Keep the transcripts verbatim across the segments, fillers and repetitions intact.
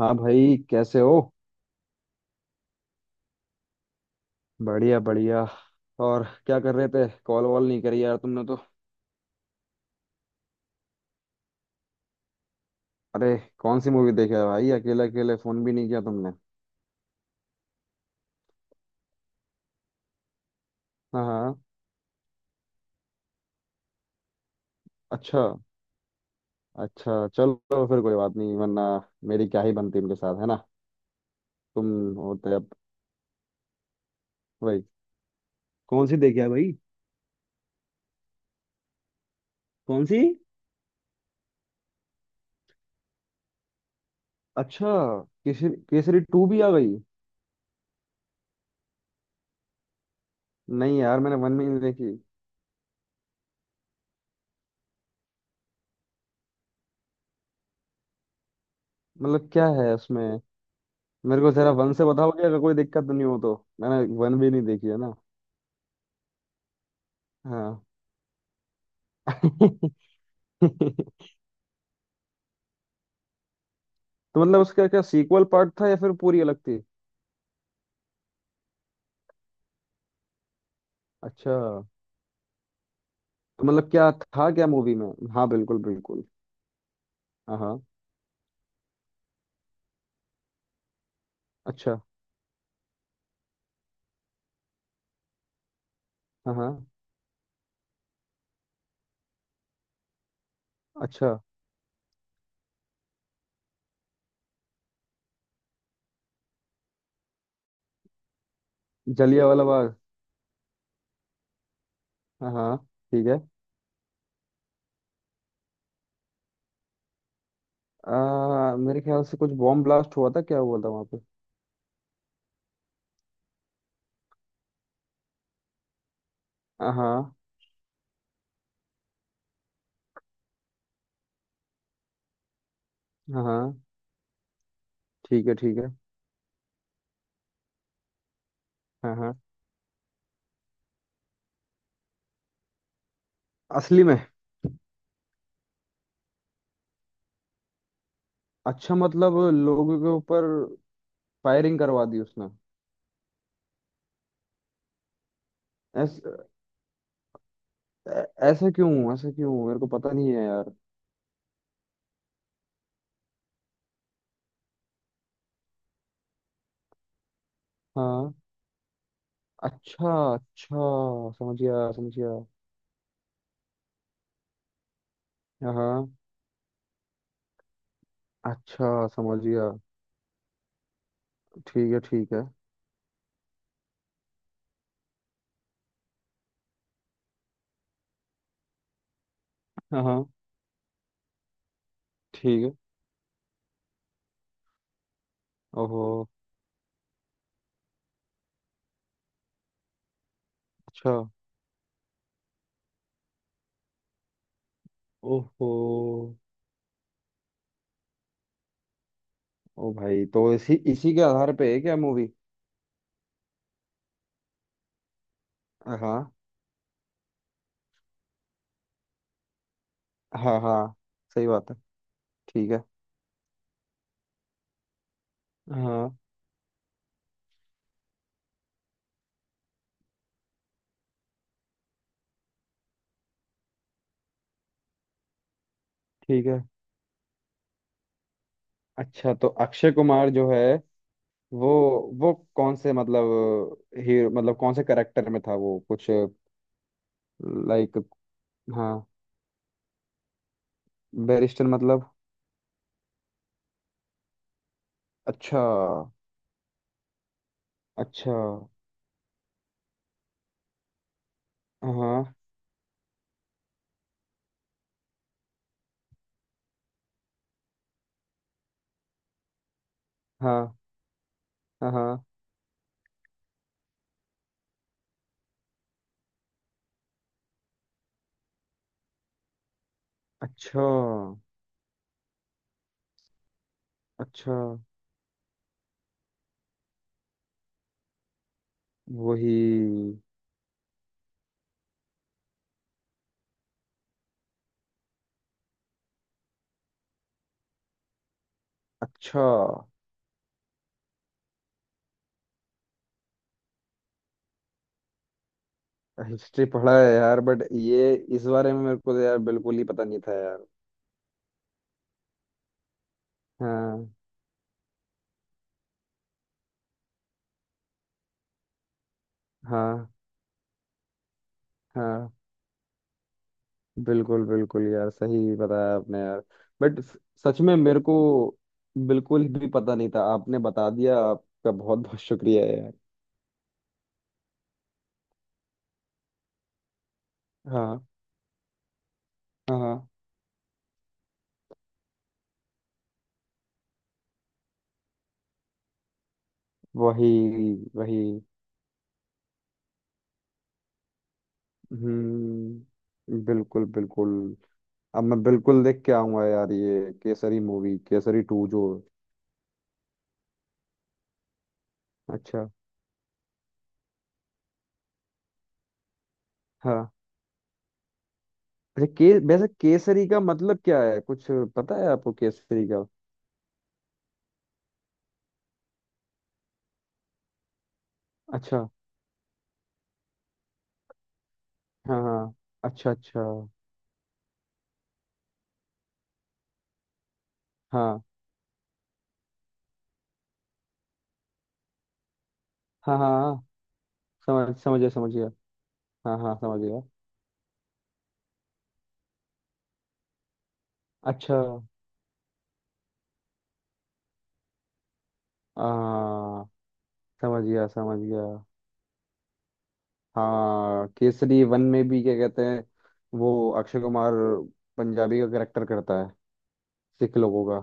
हाँ भाई, कैसे हो। बढ़िया बढ़िया। और क्या कर रहे थे? कॉल वॉल नहीं करी यार तुमने तो। अरे, कौन सी मूवी देखी है भाई? अकेले अकेले फोन भी नहीं किया तुमने। हाँ हाँ। अच्छा। अच्छा, चलो फिर कोई बात नहीं, वरना मेरी क्या ही बनती उनके साथ, है ना। तुम होते अब। वही। कौन सी देखी है भाई? कौन सी? अच्छा, केसरी, केसरी टू भी आ गई। नहीं यार, मैंने वन भी नहीं देखी। मतलब क्या है उसमें? मेरे को जरा वन से बताओगे, अगर कोई दिक्कत नहीं हो तो। मैंने वन भी नहीं देखी है ना। हाँ। तो मतलब उसका क्या, सीक्वल पार्ट था या फिर पूरी अलग थी? अच्छा। तो मतलब क्या था क्या मूवी में? हाँ बिल्कुल बिल्कुल। हाँ हाँ। अच्छा। हाँ हाँ। अच्छा। जलिया वाला बाग। हाँ हाँ। ठीक है। आ, मेरे ख्याल से कुछ बॉम्ब ब्लास्ट हुआ था, क्या हुआ था वहाँ पे? हाँ हाँ। हाँ हाँ। ठीक है ठीक है। हाँ हाँ। असली में? अच्छा, मतलब लोगों के ऊपर फायरिंग करवा दी उसने। ऐस, ऐ- ऐसा क्यों, ऐसा क्यों? मेरे को पता नहीं है यार। हाँ। अच्छा अच्छा, समझ गया समझ गया। हाँ हाँ। अच्छा समझ गया। ठीक है ठीक है। हाँ हाँ। ठीक है। ओहो। अच्छा। ओहो। ओ भाई, तो इसी इसी के आधार पे है क्या मूवी? हाँ हाँ। हाँ हाँ। सही बात है। ठीक है। हाँ हाँ। ठीक है। अच्छा, तो अक्षय कुमार जो है वो वो कौन से मतलब, हीरो मतलब कौन से करेक्टर में था वो कुछ? लाइक। हाँ। बैरिस्टर मतलब? अच्छा। अच्छा। हाँ हाँ। हाँ हाँ। अच्छा अच्छा। वही। अच्छा। हिस्ट्री पढ़ा है यार, बट ये इस बारे में मेरे को तो यार बिल्कुल ही पता नहीं था यार। हाँ। हाँ हाँ। बिल्कुल बिल्कुल यार, सही बताया आपने यार। बट सच में मेरे को बिल्कुल भी पता नहीं था। आपने बता दिया, आपका बहुत बहुत शुक्रिया यार। हाँ हाँ। हाँ। वही वही। हम्म, बिल्कुल बिल्कुल। अब मैं बिल्कुल देख के आऊंगा यार ये केसरी मूवी, केसरी टू जो। अच्छा। हाँ। अच्छा के, वैसे केसरी का मतलब क्या है कुछ, पता है आपको केसरी का? अच्छा। हाँ हाँ। अच्छा अच्छा। हाँ हाँ। हाँ हाँ। समझ समझ गया समझ गया। हाँ हाँ समझ गया। अच्छा। आ, समझ गया समझ गया। हाँ, केसरी वन में भी क्या कहते हैं, वो अक्षय कुमार पंजाबी का करेक्टर करता है? सिख लोगों का?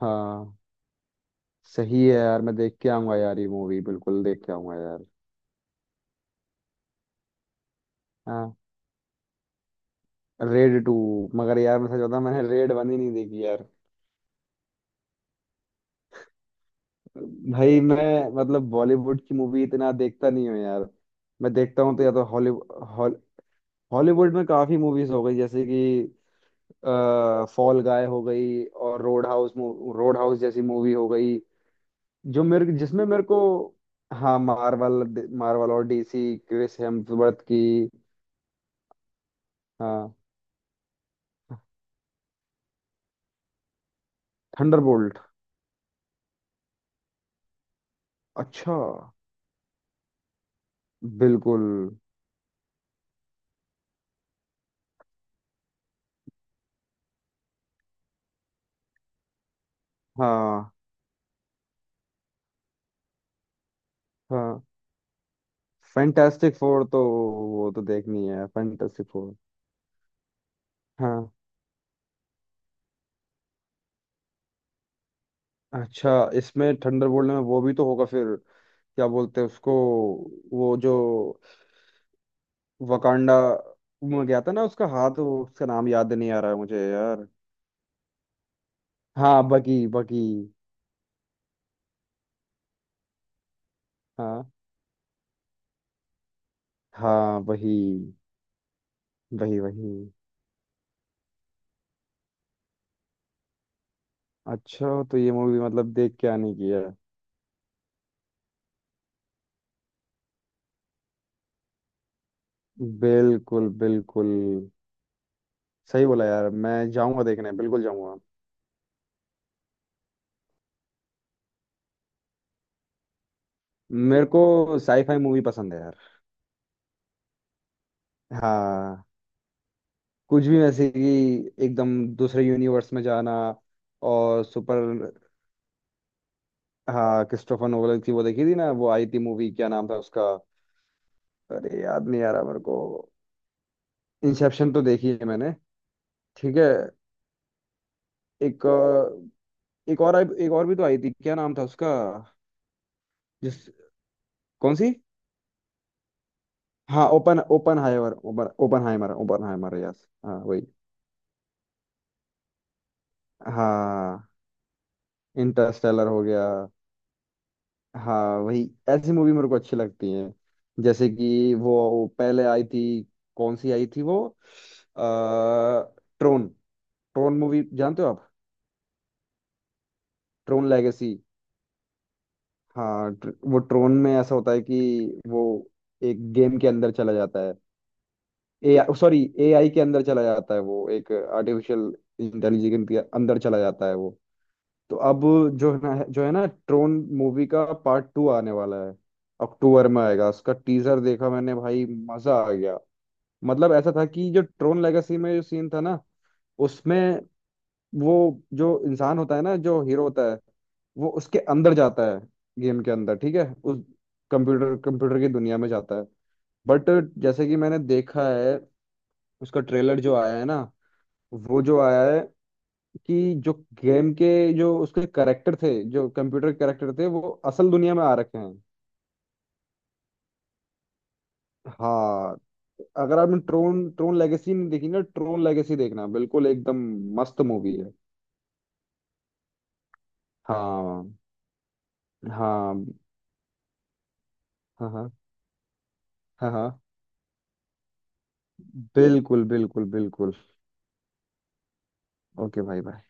हाँ। सही है यार, मैं देख के आऊंगा यार ये मूवी, बिल्कुल देख के आऊंगा यार। हाँ। Red to? मगर यार मैं सच बताऊं, मैंने रेड वन ही नहीं देखी यार। भाई मैं, मतलब बॉलीवुड की मूवी इतना देखता नहीं हूँ यार। मैं देखता हूँ तो या तो हॉलीवुड, हॉलीवुड में काफी मूवीज हो गई, जैसे कि फॉल गाय हो गई और रोड हाउस, रोड हाउस जैसी मूवी हो गई, जो मेरे, जिसमें मेरे को। हाँ मार्वल, मार्वल और डीसी, क्रिस हेम्सवर्थ की। हाँ। थंडरबोल्ट। अच्छा। बिल्कुल। हाँ। हाँ फैंटास्टिक फोर तो, वो तो देखनी है फैंटास्टिक फोर। हाँ। अच्छा इसमें, थंडरबोल्ट में वो भी तो होगा फिर, क्या बोलते हैं उसको, वो जो वकांडा में गया था ना, उसका हाथ, वो उसका नाम याद नहीं आ रहा है मुझे यार। हाँ बकी बकी। हाँ हाँ वही। वही वही। अच्छा तो ये मूवी मतलब देख के आने की है। बिल्कुल बिल्कुल। सही बोला यार, मैं जाऊंगा देखने, बिल्कुल जाऊंगा। मेरे को साईफाई मूवी पसंद है यार। हाँ। कुछ भी, वैसे कि एकदम दूसरे यूनिवर्स में जाना। और सुपर। हाँ, क्रिस्टोफर नोलन की वो देखी थी ना, वो आई थी मूवी, क्या नाम था उसका? अरे याद नहीं आ रहा मेरे को। इंसेप्शन तो देखी है मैंने। ठीक है। एक अ, एक और आई- एक और भी तो आई थी, क्या नाम था उसका? जिस, कौन सी? हाँ open Oppenheimer, open Oppenheimer, Oppenheimer, yes हाँ वही। हाँ। इंटरस्टेलर हो गया। हाँ वही। ऐसी मूवी मेरे को अच्छी लगती हैं। जैसे कि वो पहले आई थी, कौन सी आई थी वो, आ, ट्रोन। ट्रोन मूवी जानते हो आप? ट्रोन लेगेसी। हाँ, tr- वो ट्रोन में ऐसा होता है कि वो एक गेम के अंदर चला जाता है। ए सॉरी, एआई के अंदर चला जाता है वो, एक आर्टिफिशियल इंटेलिजेंस के अंदर चला जाता है वो। तो अब जो है ना जो है ना ट्रोन मूवी का पार्ट टू आने वाला है। अक्टूबर में आएगा, उसका टीजर देखा मैंने, भाई मजा आ गया। मतलब ऐसा था कि जो ट्रोन लेगेसी में जो सीन था ना, उसमें वो जो इंसान होता है ना, जो हीरो होता है, वो उसके अंदर जाता है, गेम के अंदर। ठीक है। उस कंप्यूटर, कंप्यूटर की दुनिया में जाता है। बट जैसे कि मैंने देखा है, उसका ट्रेलर जो आया है ना, वो जो आया है, कि जो गेम के, जो उसके करेक्टर थे, जो कंप्यूटर करेक्टर थे, वो असल दुनिया में आ रखे हैं। हाँ। अगर आपने ट्रोन, ट्रोन लेगेसी नहीं देखी ना, ट्रोन लेगेसी देखना, बिल्कुल एकदम मस्त मूवी है। हाँ हाँ हाँ। हाँ हाँ हाँ। हाँ। बिल्कुल बिल्कुल बिल्कुल। ओके भाई भाई।